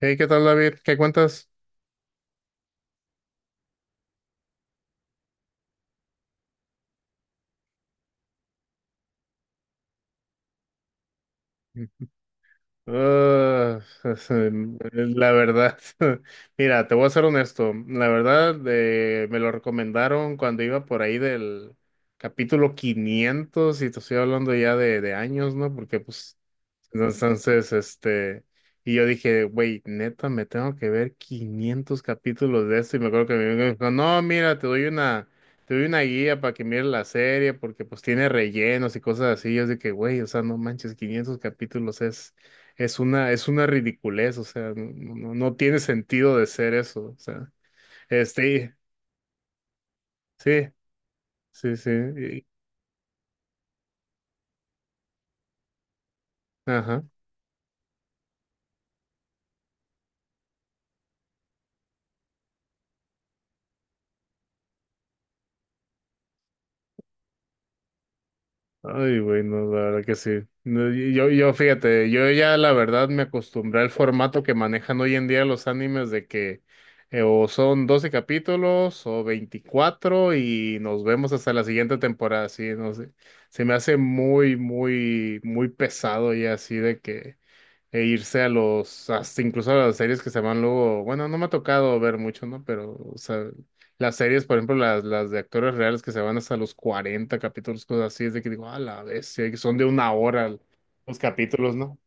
Hey, ¿qué tal, David? ¿Qué cuentas? Ah, la verdad, mira, te voy a ser honesto. La verdad, me lo recomendaron cuando iba por ahí del capítulo 500, y te estoy hablando ya de años, ¿no? Porque pues. Entonces, y yo dije, güey, neta, me tengo que ver 500 capítulos de esto. Y me acuerdo que mi amigo me dijo, no, mira, te doy una guía para que mires la serie, porque pues tiene rellenos y cosas así. Yo dije, güey, o sea, no manches, 500 capítulos es una ridiculez. O sea, no, no, no, no tiene sentido de ser eso. O sea, este, sí, sí, sí, ajá. Ay, güey, no, la verdad que sí. No, Yo, fíjate, yo ya, la verdad, me acostumbré al formato que manejan hoy en día los animes, de que o son 12 capítulos o 24, y nos vemos hasta la siguiente temporada. Sí, no sé. Se me hace muy, muy, muy pesado ya, así de que e irse a los, hasta incluso a las series que se van luego. Bueno, no me ha tocado ver mucho, ¿no? Pero, o sea, las series, por ejemplo, las de actores reales, que se van hasta los 40 capítulos, cosas así, es de que digo, a la bestia, que son de una hora los capítulos, ¿no?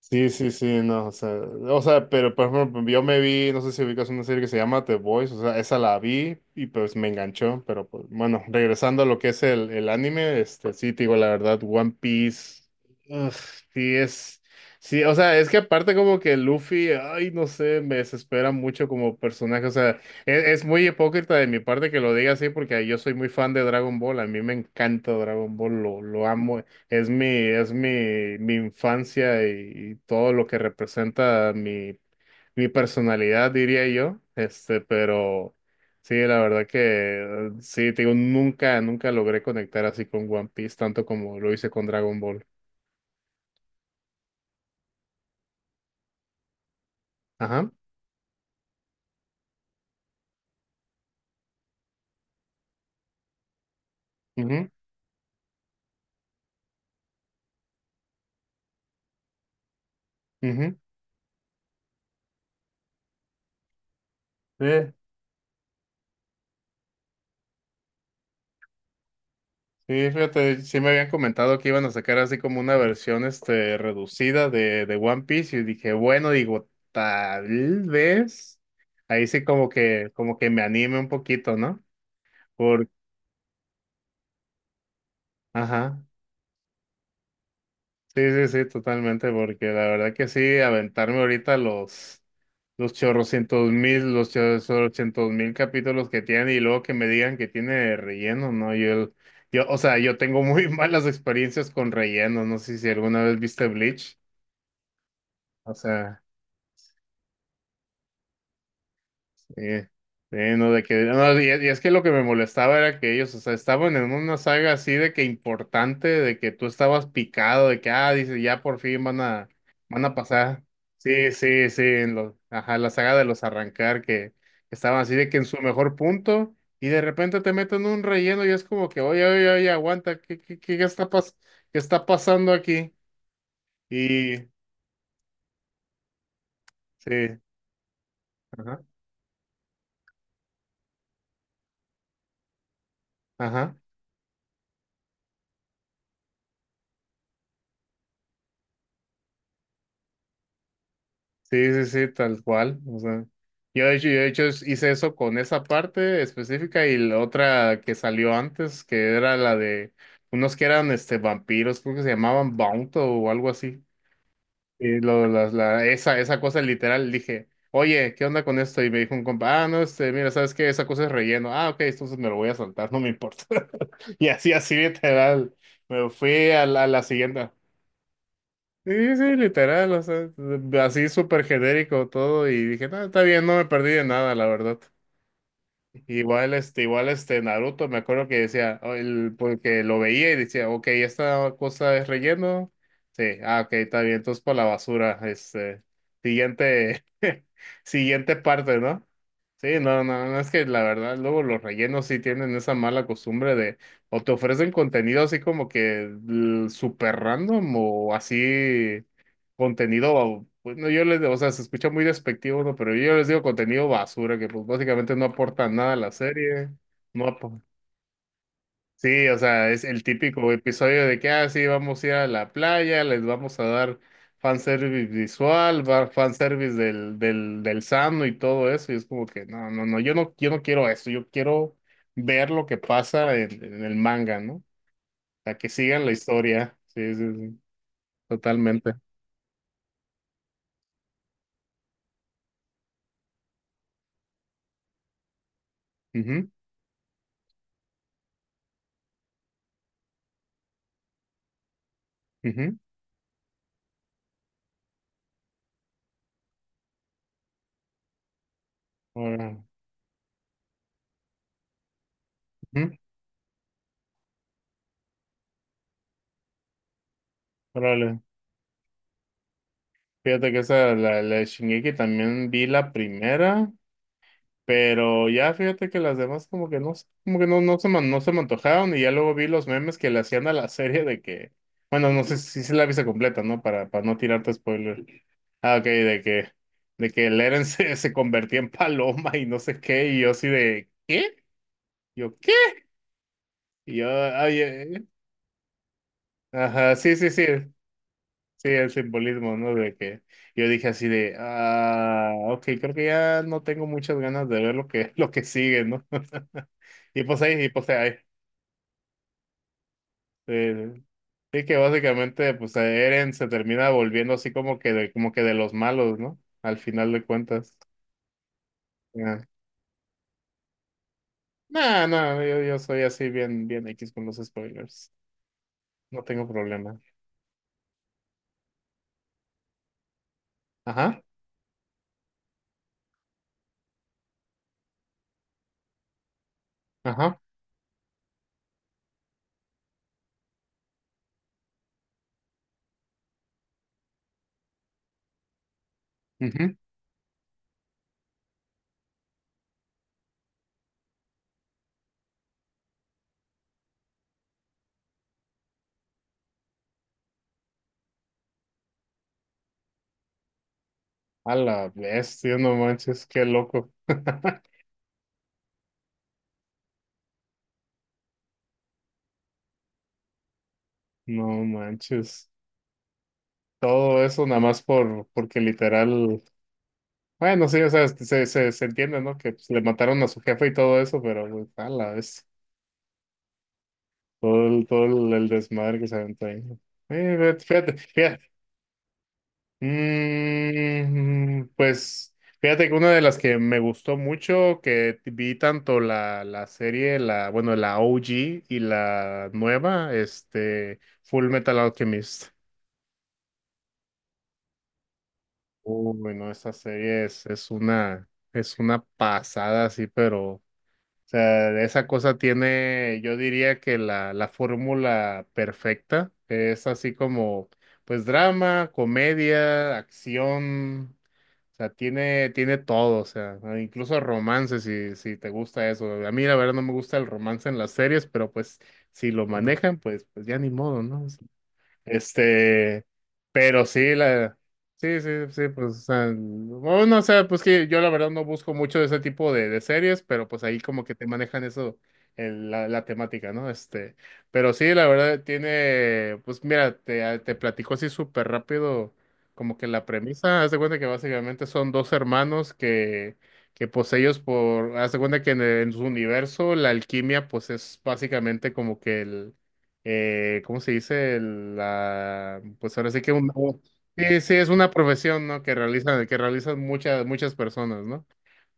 Sí, sí, sí, no. O sea, pero por ejemplo, yo me vi, no sé si ubicas una serie que se llama The Boys. O sea, esa la vi y pues me enganchó. Pero pues, bueno, regresando a lo que es el anime, sí, te digo la verdad, One Piece, ugh, sí es. Sí, o sea, es que aparte como que Luffy, ay, no sé, me desespera mucho como personaje. O sea, es muy hipócrita de mi parte que lo diga así, porque yo soy muy fan de Dragon Ball. A mí me encanta Dragon Ball, lo amo. Es mi infancia y todo lo que representa mi personalidad, diría yo. Pero sí, la verdad que sí, te digo, nunca, nunca logré conectar así con One Piece, tanto como lo hice con Dragon Ball. Ajá. Mhm. Mhm. Sí, fíjate, sí me habían comentado que iban a sacar así como una versión reducida de One Piece. Y dije, bueno, digo, tal vez ahí sí como que me anime un poquito, ¿no? Por, ajá. Sí, sí, sí, totalmente, porque la verdad que sí, aventarme ahorita los chorrocientos mil capítulos que tienen, y luego que me digan que tiene relleno, ¿no? Yo, o sea, yo tengo muy malas experiencias con relleno. No sé si alguna vez viste Bleach. O sea, sí, sí, no, de que, no, y es que lo que me molestaba era que ellos, o sea, estaban en una saga así, de que importante, de que tú estabas picado, de que, ah, dice, ya por fin van a pasar. Sí, sí, sí, en los, ajá, la saga de los arrancar, que estaban así de que en su mejor punto, y de repente te meten un relleno, y es como que, oye, oye, oye, aguanta, ¿ qué está pasando aquí? Y, sí, ajá, ajá. Sí, sí, sí, tal cual. O sea, yo de hecho hice eso con esa parte específica, y la otra que salió antes, que era la de unos que eran vampiros, creo que se llamaban bounto o algo así. Y lo, la- esa cosa literal, dije, oye, ¿qué onda con esto? Y me dijo un compa, ah, no, mira, ¿sabes qué? Esa cosa es relleno. Ah, ok, entonces me lo voy a saltar, no me importa. Y así, así literal. Me fui a la siguiente. Sí, sí, literal. O sea, así súper genérico todo, y dije, no, está bien, no me perdí de nada, la verdad. Igual, igual, Naruto, me acuerdo que decía, oh, porque lo veía y decía, ok, esta cosa es relleno, sí, ah, ok, está bien, entonces por la basura, siguiente, siguiente parte, ¿no? Sí, no, no, no, es que la verdad, luego los rellenos sí tienen esa mala costumbre de, o te ofrecen contenido así como que súper random, o así contenido. Pues no, yo les digo, o sea, se escucha muy despectivo, ¿no? Pero yo les digo contenido basura, que pues básicamente no aporta nada a la serie. No apo- Sí, o sea, es el típico episodio de que, ah, sí, vamos a ir a la playa, les vamos a dar fanservice visual, fanservice del, del, del sano y todo eso. Y es como que, no, no, no, yo no quiero eso, yo quiero ver lo que pasa en el manga, ¿no? O sea, que sigan la historia, sí, sí, sí, totalmente. Ujú, ujú, ahora, ujú. Órale, fíjate que esa, la, de Shingeki también vi la primera, pero ya, fíjate, que las demás como que no, como que no, no se me antojaron. Y ya luego vi los memes que le hacían a la serie de que, bueno, no sé si se la viste completa, ¿no? Para no tirarte spoiler. Ah, ok, de que Eren se convertía en paloma y no sé qué, y yo así de, ¿qué? Yo, ¿qué? Y yo, ay, eh, ajá, sí, sí, sí. Sí, el simbolismo, ¿no? De que yo dije así de, ah, ok, creo que ya no tengo muchas ganas de ver lo que, lo que sigue, ¿no? Y pues ahí, y pues ahí. eh, Sí, que básicamente, pues, Eren se termina volviendo así como que de los malos, ¿no? Al final de cuentas. Ya. No, no, yo soy así bien, bien X con los spoilers. No tengo problema. Ajá, ajá. Ujú. A la bestia, no manches, qué loco. No manches. Todo eso nada más por, porque literal, bueno, sí, o sea, se entiende, ¿no? Que pues, le mataron a su jefe y todo eso, pero pues, a la vez, el desmadre que se aventó ahí, ¿no? Fíjate, fíjate, fíjate. Pues fíjate que una de las que me gustó mucho, que vi tanto la serie, la, bueno, la OG y la nueva, Full Metal Alchemist. Uy, no, esta serie es una pasada, sí. Pero, o sea, esa cosa tiene, yo diría que la fórmula perfecta es así como pues, drama, comedia, acción. O sea, tiene todo. O sea, ah, incluso romance, si te gusta eso. A mí, la verdad, no me gusta el romance en las series, pero pues, si lo manejan, pues, ya ni modo, ¿no? Este, pero sí, sí, sí, sí, pues, o sea, bueno, o sea, pues, que yo la verdad no busco mucho de ese tipo de series, pero pues ahí como que te manejan eso, la, la temática, ¿no? Pero sí, la verdad tiene. Pues mira, te platico así súper rápido, como que la premisa. Haz de cuenta que básicamente son dos hermanos que, pues ellos por... Haz de cuenta que en su universo, la alquimia pues es básicamente como que el ¿cómo se dice? La, pues ahora sí que un. Sí, sí, es una profesión, ¿no? Que realizan muchas, muchas personas, ¿no?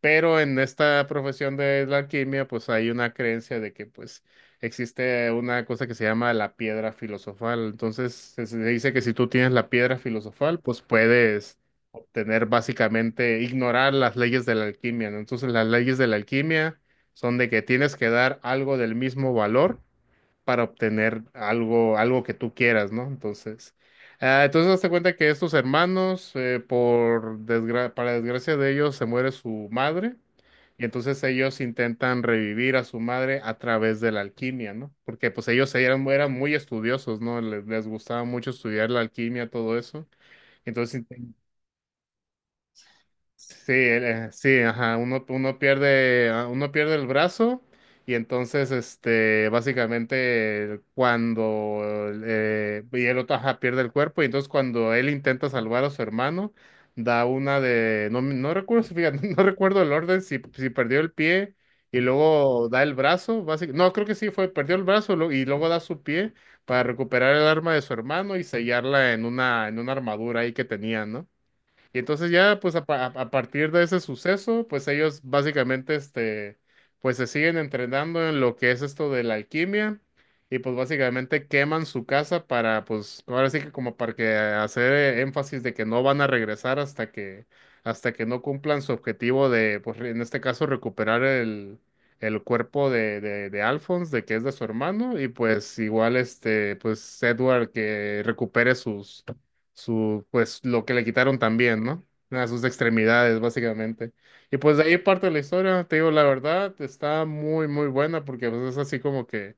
Pero en esta profesión de la alquimia, pues hay una creencia de que, pues, existe una cosa que se llama la piedra filosofal. Entonces, se dice que si tú tienes la piedra filosofal, pues puedes obtener básicamente, ignorar las leyes de la alquimia, ¿no? Entonces, las leyes de la alquimia son de que tienes que dar algo del mismo valor para obtener algo, algo que tú quieras, ¿no? Entonces, ah, entonces hazte cuenta que estos hermanos, para desgracia de ellos, se muere su madre. Y entonces ellos intentan revivir a su madre a través de la alquimia, ¿no? Porque pues ellos eran muy estudiosos, ¿no? Les gustaba mucho estudiar la alquimia, todo eso. Entonces, sí, sí, ajá, uno pierde el brazo. Y entonces, este, básicamente cuando y el otro, ajá, pierde el cuerpo. Y entonces cuando él intenta salvar a su hermano, da una de, no, no recuerdo, fíjate, no recuerdo el orden, si perdió el pie y luego da el brazo, básicamente. No, creo que sí fue, perdió el brazo, y luego da su pie para recuperar el arma de su hermano y sellarla en una armadura ahí que tenía, ¿no? Y entonces ya, pues a, a partir de ese suceso, pues ellos básicamente, pues se siguen entrenando en lo que es esto de la alquimia. Y pues básicamente queman su casa para, pues ahora sí que como para que hacer énfasis de que no van a regresar hasta que no cumplan su objetivo de, pues en este caso, recuperar el cuerpo de Alphonse, de que es de su hermano. Y pues igual, este, pues Edward, que recupere sus, su, pues lo que le quitaron también, ¿no? A sus extremidades, básicamente. Y pues de ahí parte de la historia, te digo, la verdad, está muy, muy buena, porque pues, es así como que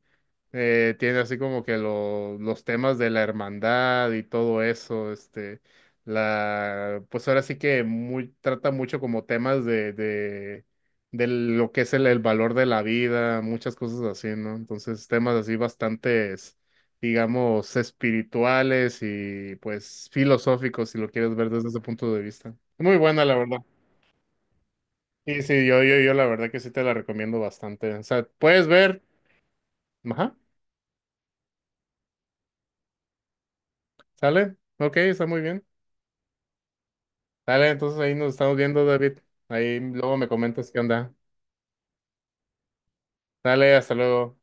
tiene así como que lo- los temas de la hermandad y todo eso, este, la, pues ahora sí que muy, trata mucho como temas de lo que es el valor de la vida, muchas cosas así, ¿no? Entonces, temas así bastantes, digamos, espirituales y pues filosóficos, si lo quieres ver desde ese punto de vista. Muy buena, la verdad. Sí, sí, yo la verdad que sí, te la recomiendo bastante. O sea, puedes ver, ajá, sale, ok, está muy bien. Dale, entonces ahí nos estamos viendo, David. Ahí luego me comentas qué onda. Dale, hasta luego.